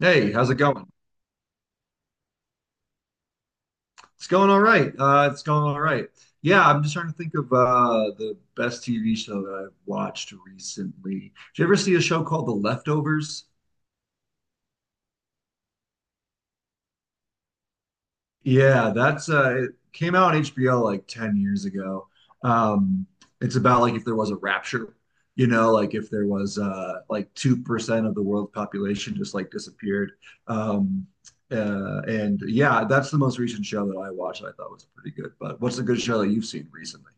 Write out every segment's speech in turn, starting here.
Hey, how's it going? It's going all right. Yeah, I'm just trying to think of the best TV show that I've watched recently. Did you ever see a show called The Leftovers? Yeah, that's it came out on HBO like 10 years ago. Um, it's about like if there was a rapture, you know, like if there was like 2% of the world population just like disappeared. Um, and yeah, that's the most recent show that I watched. I thought was pretty good. But what's a good show that you've seen recently?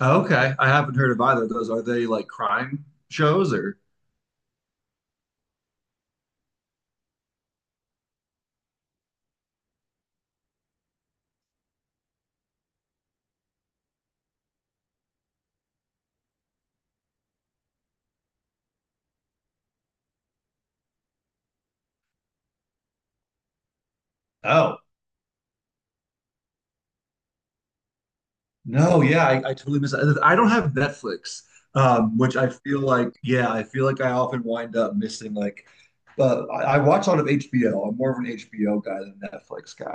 Okay, I haven't heard of either of those. Are they like crime shows or? Oh, no, yeah, I totally miss it. I don't have Netflix, which I feel like, yeah, I feel like I often wind up missing like, I watch a lot of HBO. I'm more of an HBO guy than a Netflix guy.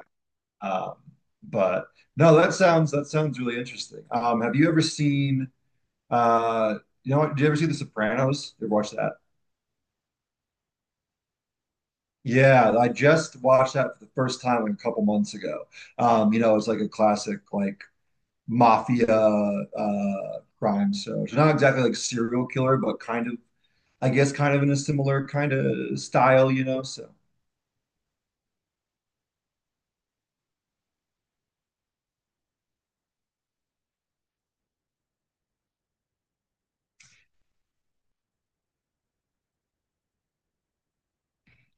Um, but no, that sounds really interesting. Have you ever seen? Uh, you know what? Did you ever see The Sopranos? You ever watch that? Yeah, I just watched that for the first time a couple months ago. You know, it's like a classic like mafia crime show. It's not exactly like serial killer, but kind of I guess kind of in a similar kind of style, you know. So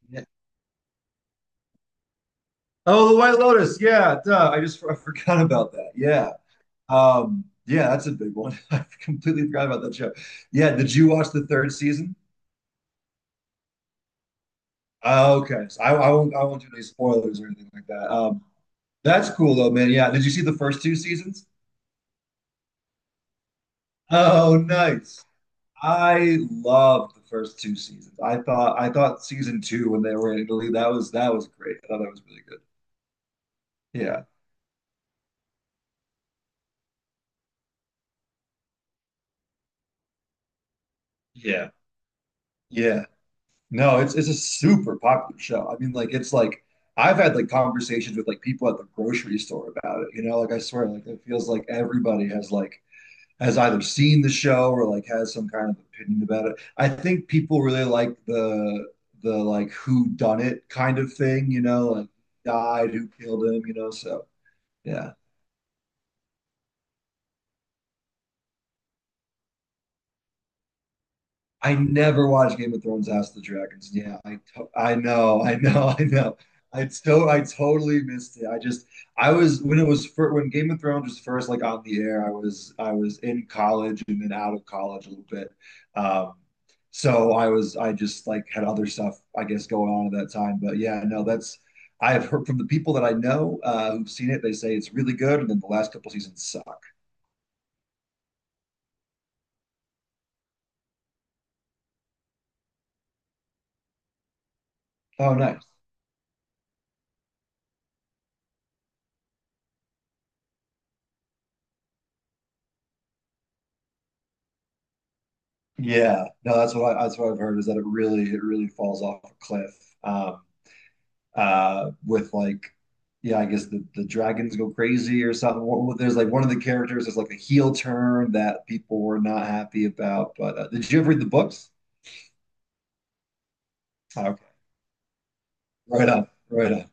yeah. Oh, The White Lotus. Yeah, duh. I just I forgot about that. Yeah. Yeah, that's a big one. I completely forgot about that show. Yeah, did you watch the third season? Oh, okay. So I won't do any spoilers or anything like that. That's cool though, man. Yeah. Did you see the first two seasons? Oh, nice. I loved the first two seasons. I thought season two when they were in Italy, that was great. I thought that was really good. Yeah. Yeah. Yeah. No, it's a super popular show. I mean, like it's like I've had like conversations with like people at the grocery store about it, you know, like I swear, like it feels like everybody has like has either seen the show or like has some kind of opinion about it. I think people really like the like who done it kind of thing, you know, like died, who killed him, you know. So yeah. I never watched Game of Thrones, House of the Dragons. Yeah, I know. I totally missed it. I just I was when it was fir when Game of Thrones was first like on the air, I was in college and then out of college a little bit. Um so I just like had other stuff I guess going on at that time. But yeah, no, that's I've heard from the people that I know who've seen it, they say it's really good, and then the last couple seasons suck. Oh, nice. Yeah, no, that's what I've heard is that it really falls off a cliff. With like, yeah, I guess the dragons go crazy or something. There's like one of the characters is like a heel turn that people were not happy about. But did you ever read the books? Oh, okay, right on, right on.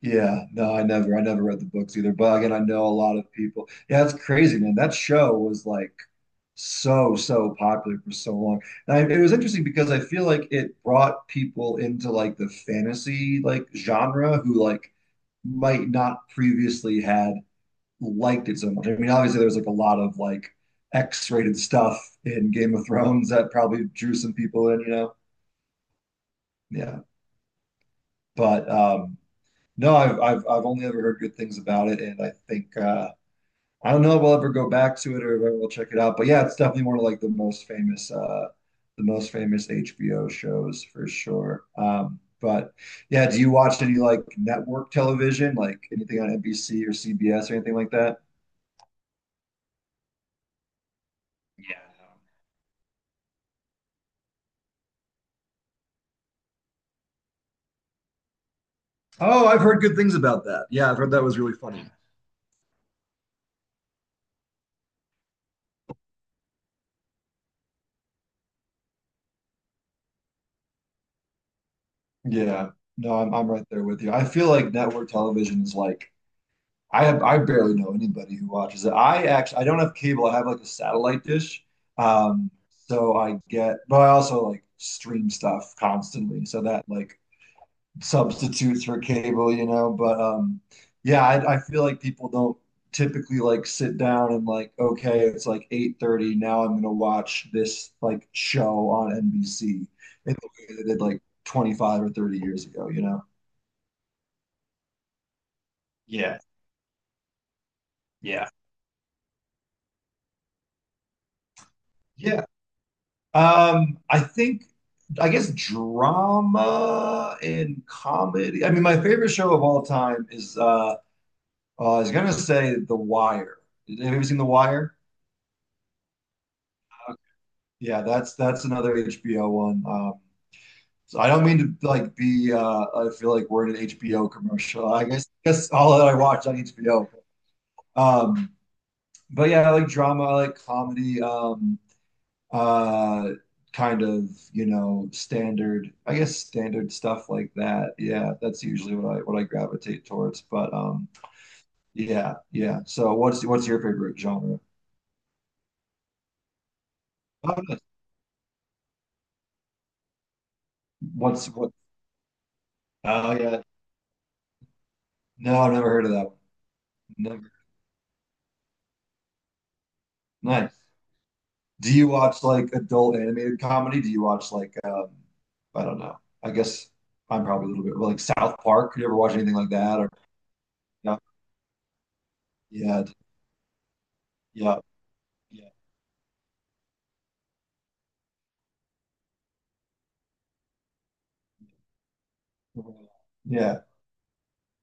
Yeah, no, I never read the books either. But again, I know a lot of people. Yeah, that's crazy, man. That show was like so so popular for so long. And I, it was interesting because I feel like it brought people into like the fantasy like genre who like might not previously had liked it so much. I mean, obviously there's like a lot of like X-rated stuff in Game of Thrones that probably drew some people in, you know? Yeah. But no, I've only ever heard good things about it, and I think I don't know if we will ever go back to it or if we will check it out, but yeah, it's definitely one of like the most famous, the most famous HBO shows for sure. But yeah, do you watch any like network television, like anything on NBC or CBS or anything like that? Yeah, oh, I've heard good things about that. Yeah, I've heard that was really no. Funny. Yeah, no, I'm right there with you. I feel like network television is like I barely know anybody who watches it. I don't have cable. I have like a satellite dish. Um, so I get, but I also like stream stuff constantly. So that like substitutes for cable, you know. But yeah, I feel like people don't typically like sit down and like, okay, it's like 8:30. Now I'm gonna watch this like show on NBC in the way they did like 25 or 30 years ago, you know? Yeah, yeah. Yeah. I think, I guess drama and comedy. I mean, my favorite show of all time is I was gonna say The Wire. Have you ever seen The Wire? Yeah, that's another HBO one. So I don't mean to like be. I feel like we're in an HBO commercial. I guess all that I watch on HBO. Um, but yeah, I like drama. I like comedy. Uh, Kind of, you know, standard, I guess standard stuff like that. Yeah, that's usually what I gravitate towards. But yeah, yeah. So what's your favorite genre? Oh, nice. What's what? Oh yeah. No, I've never heard of that one. Never. Nice. Do you watch like adult animated comedy? Do you watch like I don't know. I guess I'm probably a little bit well, like South Park. You ever watch anything like that? Or yeah, yeah, yeah, yeah. Yeah.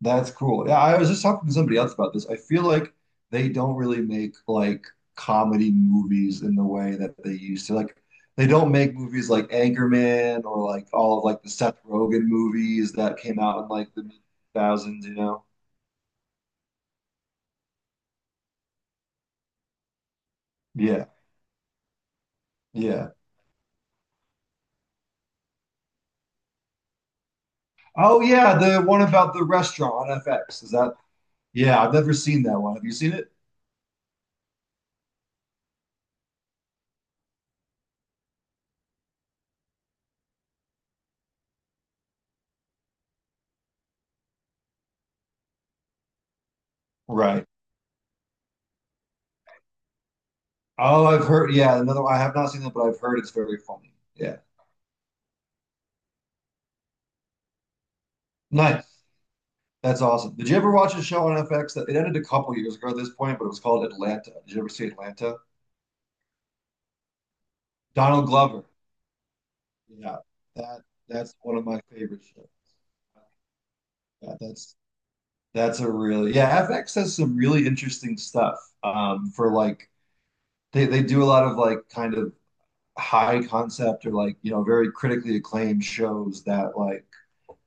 That's cool. Yeah, I was just talking to somebody else about this. I feel like they don't really make like comedy movies in the way that they used to. Like they don't make movies like Anchorman or like all of like the Seth Rogen movies that came out in like the mid 2000s, you know? Yeah. Yeah. Oh yeah, the one about the restaurant on FX. Is that? Yeah, I've never seen that one. Have you seen it? Right. Oh, I've heard. Yeah, another one. I have not seen that, but I've heard it's very funny. Yeah. Nice. That's awesome. Did you ever watch a show on FX that it ended a couple years ago at this point, but it was called Atlanta? Did you ever see Atlanta? Donald Glover. Yeah, that that's one of my favorite shows. Yeah, that's a really yeah. FX has some really interesting stuff. For like they do a lot of like kind of high concept or like you know very critically acclaimed shows that like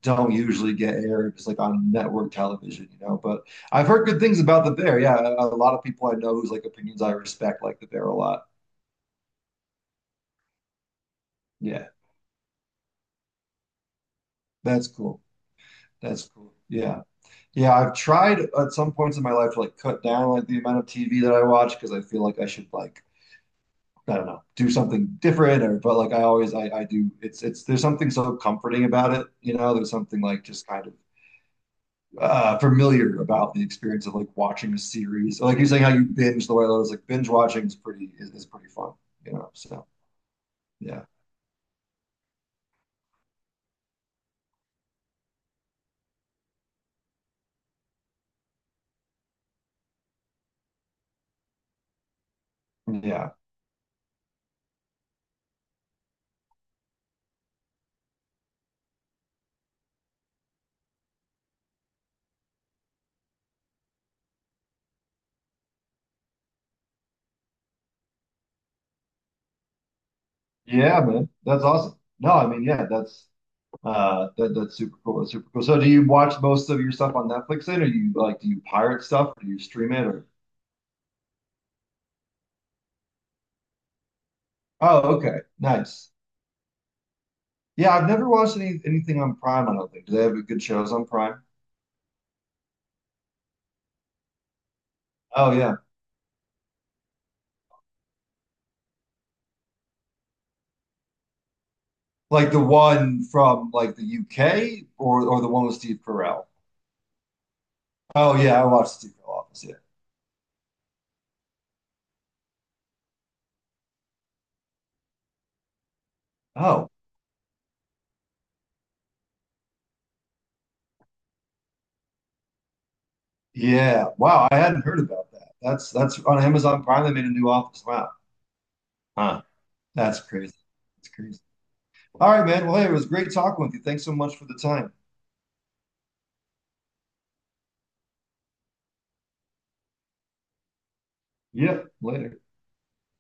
don't usually get aired just like on network television, you know. But I've heard good things about the Bear. Yeah, a lot of people I know whose like opinions I respect like the Bear a lot. Yeah, that's cool. That's cool. Yeah. Yeah, I've tried at some points in my life to like cut down like the amount of TV that I watch because I feel like I should like I don't know, do something different or but like I always I do it's there's something so comforting about it, you know, there's something like just kind of familiar about the experience of like watching a series. So, like you're saying, how you binge the way I was like binge watching is is pretty fun, you know. So yeah, yeah, yeah, man, that's awesome. No, I mean, yeah, that's that that's super cool. That's super cool. So, do you watch most of your stuff on Netflix then, or you like do you pirate stuff, or do you stream it, or? Oh, okay, nice. Yeah, I've never watched any anything on Prime. I don't think. Do they have good shows on Prime? Oh yeah, like the one from like the UK or the one with Steve Carell. Oh yeah, I watched the Secret Office. Yeah. Oh yeah. Wow, I hadn't heard about that. That's on Amazon Prime. They made a new Office. Wow. Huh. That's crazy. That's crazy. All right, man. Well, hey, it was great talking with you. Thanks so much for the time. Yep. Later.